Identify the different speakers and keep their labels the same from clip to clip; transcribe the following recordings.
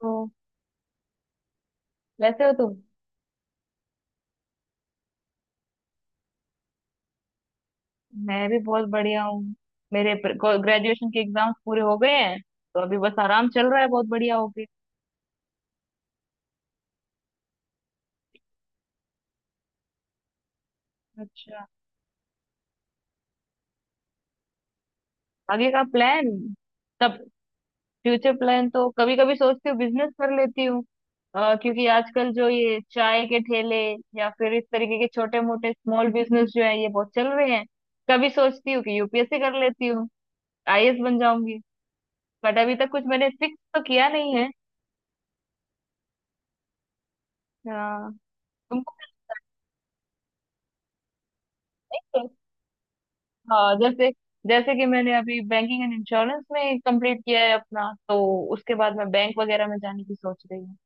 Speaker 1: तो वैसे हो तुम। मैं भी बहुत बढ़िया हूँ। मेरे ग्रेजुएशन के एग्जाम्स पूरे हो गए हैं। तो अभी बस आराम चल रहा है, बहुत बढ़िया हो गया। अच्छा। आगे का प्लान। तब। फ्यूचर प्लान तो कभी कभी सोचती हूँ बिजनेस कर लेती हूँ। क्योंकि आजकल जो ये चाय के ठेले या फिर इस तरीके के छोटे मोटे स्मॉल बिजनेस जो है ये बहुत चल रहे हैं। कभी सोचती हूँ कि यूपीएससी कर लेती हूँ। आईएएस बन जाऊंगी। बट अभी तक कुछ मैंने फिक्स तो किया नहीं है। अ, तुमको कुछ। नहीं। हाँ, जैसे। जैसे कि मैंने अभी बैंकिंग एंड इंश्योरेंस में कंप्लीट किया है अपना, तो उसके बाद मैं बैंक वगैरह में जाने की सोच रही हूँ।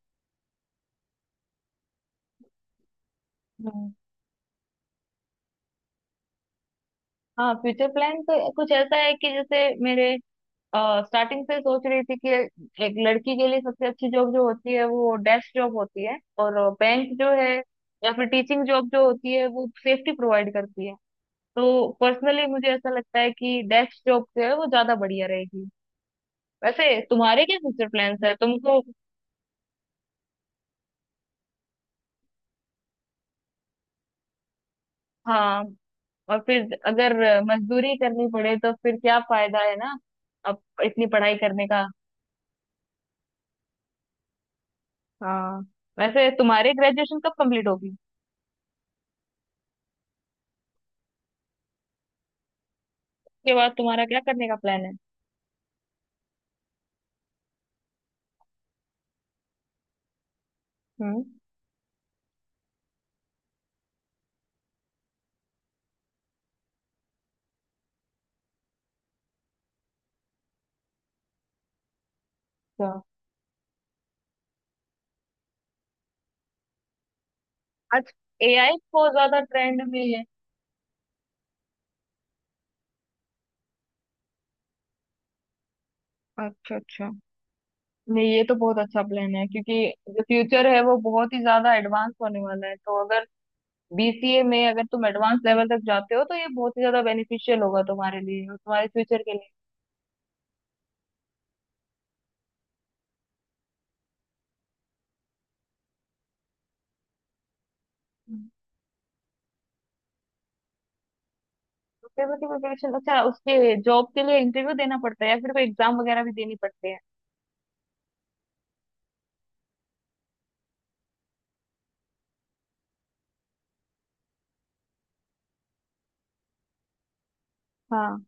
Speaker 1: हम्म। हाँ, फ्यूचर प्लान तो कुछ ऐसा है कि जैसे मेरे स्टार्टिंग से सोच रही थी कि एक लड़की के लिए सबसे अच्छी जॉब जो होती है वो डेस्क जॉब होती है। और बैंक जो है, या फिर टीचिंग जॉब जो होती है वो सेफ्टी प्रोवाइड करती है। तो पर्सनली मुझे ऐसा लगता है कि डेस्क जॉब जो है वो ज्यादा बढ़िया रहेगी। वैसे तुम्हारे क्या फ्यूचर प्लान्स है तुमको? हाँ। और फिर अगर मजदूरी करनी पड़े तो फिर क्या फायदा है ना, अब इतनी पढ़ाई करने का। हाँ। वैसे तुम्हारे ग्रेजुएशन कब कंप्लीट होगी? उसके बाद तुम्हारा क्या करने का प्लान है? हम्म। अच्छा। आज एआई बहुत ज्यादा ट्रेंड में है। अच्छा अच्छा। नहीं, ये तो बहुत अच्छा प्लान है, क्योंकि जो फ्यूचर है वो बहुत ही ज्यादा एडवांस होने वाला है, तो अगर बीसीए में अगर तुम एडवांस लेवल तक जाते हो तो ये बहुत ही ज्यादा बेनिफिशियल होगा तुम्हारे लिए और तुम्हारे फ्यूचर के लिए। पेपर की प्रिपरेशन, अच्छा, उसके जॉब के लिए इंटरव्यू देना पड़ता है या फिर कोई एग्जाम वगैरह भी देनी पड़ती है? हाँ।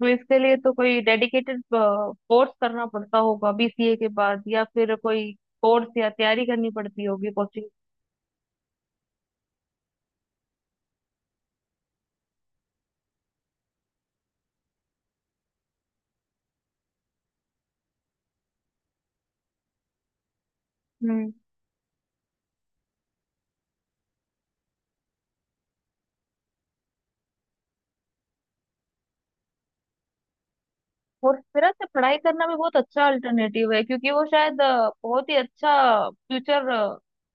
Speaker 1: तो इसके लिए तो कोई डेडिकेटेड कोर्स करना पड़ता होगा बीसीए के बाद या फिर कोई कोर्स या तैयारी करनी पड़ती होगी, कोचिंग। हम्म। और मेरा से पढ़ाई करना भी बहुत अच्छा अल्टरनेटिव है, क्योंकि वो शायद बहुत ही अच्छा फ्यूचर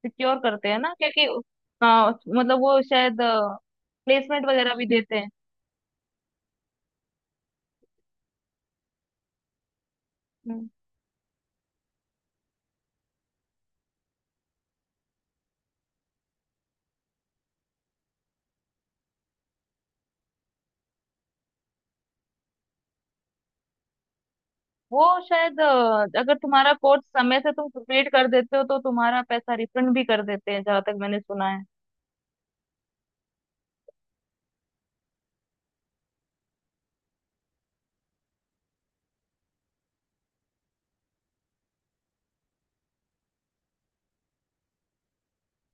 Speaker 1: सिक्योर करते हैं ना, क्योंकि मतलब वो शायद प्लेसमेंट वगैरह भी देते हैं। वो शायद अगर तुम्हारा कोर्स समय से तुम कंप्लीट कर देते हो तो तुम्हारा पैसा रिफंड भी कर देते हैं, जहां तक मैंने सुना है।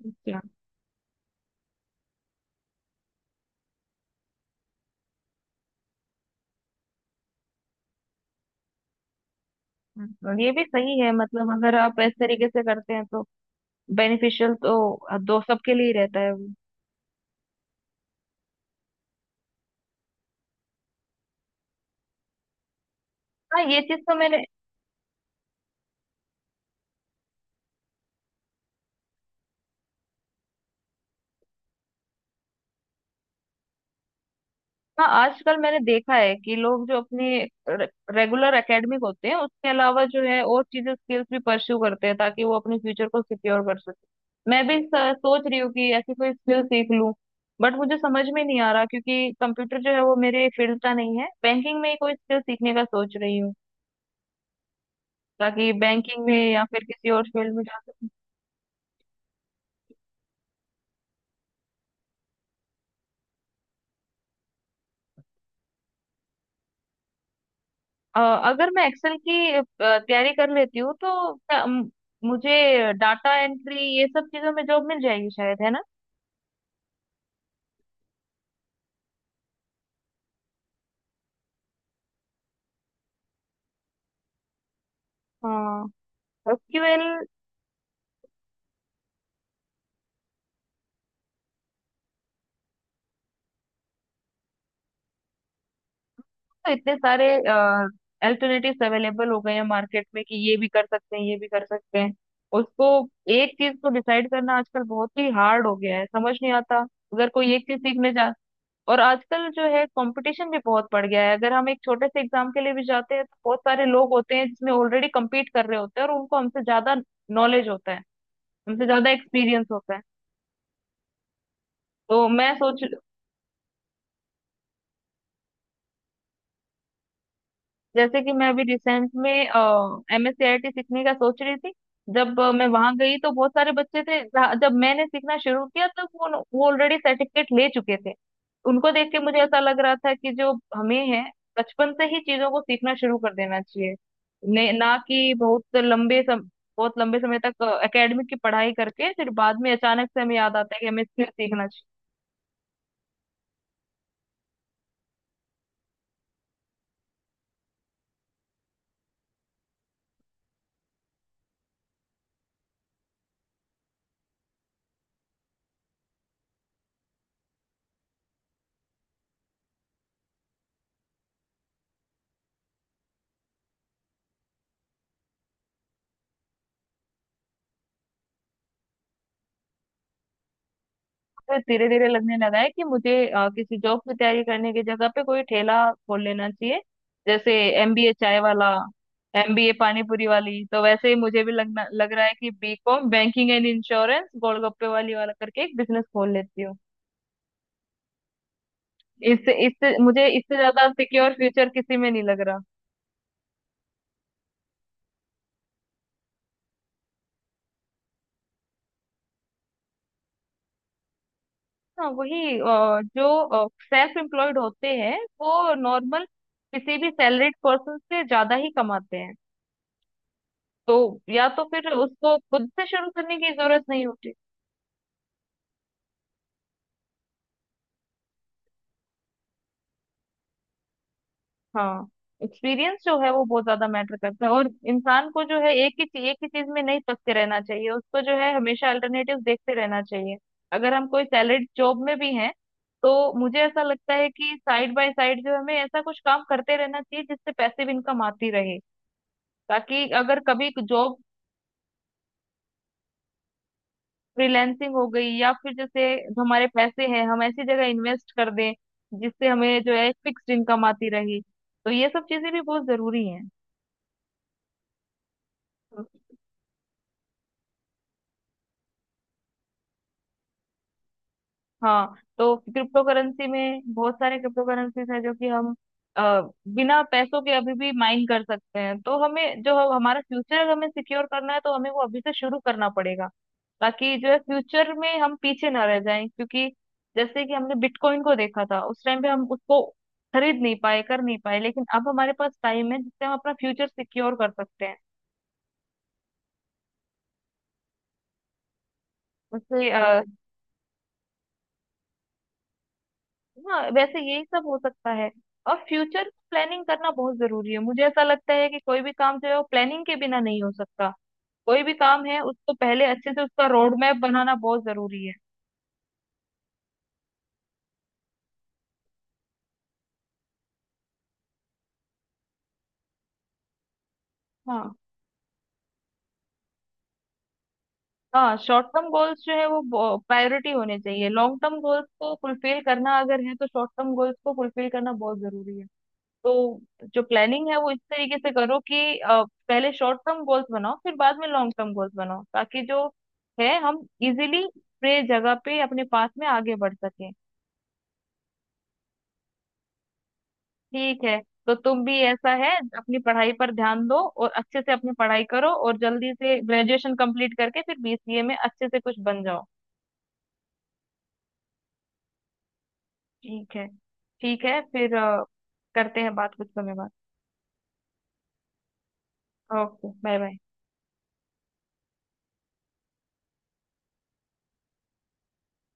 Speaker 1: अच्छा। और ये भी सही है, मतलब अगर आप इस तरीके से करते हैं तो बेनिफिशियल तो दो सबके लिए ही रहता है वो। हाँ, ये चीज तो मैंने। हाँ, आजकल मैंने देखा है कि लोग जो अपने रेगुलर एकेडमिक होते हैं उसके अलावा जो है और चीजें स्किल्स भी परस्यू करते हैं ताकि वो अपने फ्यूचर को सिक्योर कर सके मैं भी सोच रही हूँ कि ऐसी कोई स्किल सीख लूँ। बट मुझे समझ में नहीं आ रहा, क्योंकि कंप्यूटर जो है वो मेरे फील्ड का नहीं है, बैंकिंग में ही कोई स्किल सीखने का सोच रही हूँ, ताकि बैंकिंग में या फिर किसी और फील्ड में जा सकूँ। अ, अगर मैं एक्सेल की तैयारी कर लेती हूँ तो क्या, मुझे डाटा एंट्री ये सब चीजों में जॉब मिल जाएगी शायद, है ना? हाँ, एसक्यूएल। तो इतने सारे अल्टरनेटिव्स अवेलेबल हो गए हैं मार्केट में कि ये भी कर सकते हैं, ये भी कर सकते हैं। उसको एक चीज को डिसाइड करना आजकल बहुत ही हार्ड हो गया है, समझ नहीं आता। अगर कोई एक चीज सीखने जा, और आजकल जो है कंपटीशन भी बहुत बढ़ गया है, अगर हम एक छोटे से एग्जाम के लिए भी जाते हैं तो बहुत सारे लोग होते हैं जिसमें ऑलरेडी कम्पीट कर रहे होते हैं और उनको हमसे ज्यादा नॉलेज होता है, हमसे ज्यादा एक्सपीरियंस होता है। तो मैं सोच। जैसे कि मैं अभी रिसेंट में एमएससीआईटी सीखने का सोच रही थी। जब मैं वहां गई तो बहुत सारे बच्चे थे जब मैंने सीखना शुरू किया तब वो ऑलरेडी सर्टिफिकेट ले चुके थे। उनको देख के मुझे ऐसा लग रहा था कि जो हमें है, बचपन से ही चीजों को सीखना शुरू कर देना चाहिए, ना कि बहुत लंबे समय तक एकेडमिक की पढ़ाई करके फिर बाद में अचानक से हमें याद आता है कि हमें स्किल सीखना चाहिए। फिर धीरे धीरे लगने लगा है कि मुझे किसी जॉब की तैयारी करने की जगह पे कोई ठेला खोल लेना चाहिए, जैसे एमबीए चाय वाला, एमबीए पानी पूरी वाली, तो वैसे ही मुझे भी लगना लग रहा है कि BCom banking and insurance golgappe वाली वाला करके एक बिजनेस खोल लेती हूँ। इससे इससे मुझे इससे ज्यादा सिक्योर फ्यूचर किसी में नहीं लग रहा। हाँ, वही जो सेल्फ एम्प्लॉयड होते हैं वो नॉर्मल किसी भी सैलरीड पर्सन से ज्यादा ही कमाते हैं, तो या तो फिर उसको खुद से शुरू करने की जरूरत नहीं होती। हाँ, एक्सपीरियंस जो है वो बहुत ज्यादा मैटर करता है, और इंसान को जो है एक ही चीज में नहीं फंसते रहना चाहिए, उसको जो है हमेशा अल्टरनेटिव देखते रहना चाहिए। अगर हम कोई सैलरी जॉब में भी हैं तो मुझे ऐसा लगता है कि साइड बाय साइड जो हमें ऐसा कुछ काम करते रहना चाहिए जिससे पैसिव इनकम आती रहे, ताकि अगर कभी जॉब। फ्रीलैंसिंग हो गई या फिर जैसे, जो हमारे पैसे हैं हम ऐसी जगह इन्वेस्ट कर दें जिससे हमें जो है फिक्स्ड इनकम आती रहे। तो ये सब चीजें भी बहुत जरूरी हैं। हाँ, तो क्रिप्टो करेंसी में बहुत सारे क्रिप्टो करेंसीज हैं जो कि हम अ, बिना पैसों के अभी भी माइन कर सकते हैं, तो हमें जो हमारा फ्यूचर हमें सिक्योर करना है तो हमें वो अभी से शुरू करना पड़ेगा, ताकि जो है फ्यूचर में हम पीछे ना रह जाएं, क्योंकि जैसे कि हमने बिटकॉइन को देखा था उस टाइम पे हम उसको खरीद नहीं पाए, कर नहीं पाए, लेकिन अब हमारे पास टाइम है जिससे हम अपना फ्यूचर सिक्योर कर सकते हैं। उससे। हाँ, वैसे यही सब हो सकता है, और फ्यूचर प्लानिंग करना बहुत जरूरी है, मुझे ऐसा लगता है कि कोई भी काम जो है वो प्लानिंग के बिना नहीं हो सकता। कोई भी काम है उसको पहले अच्छे से उसका रोड मैप बनाना बहुत जरूरी है। हाँ। हाँ, शॉर्ट टर्म गोल्स जो है वो प्रायोरिटी होने चाहिए, लॉन्ग टर्म गोल्स को फुलफिल करना अगर है तो शॉर्ट टर्म गोल्स को फुलफिल करना बहुत जरूरी है। तो जो प्लानिंग है वो इस तरीके से करो कि पहले शॉर्ट टर्म गोल्स बनाओ फिर बाद में लॉन्ग टर्म गोल्स बनाओ ताकि जो है हम इजीली पूरे जगह पे अपने पास में आगे बढ़ सकें। ठीक है। तो तुम भी ऐसा है, अपनी पढ़ाई पर ध्यान दो और अच्छे से अपनी पढ़ाई करो और जल्दी से ग्रेजुएशन कंप्लीट करके फिर बीसीए में अच्छे से कुछ बन जाओ। ठीक है। ठीक है, फिर करते हैं बात कुछ समय बाद। Okay, bye bye.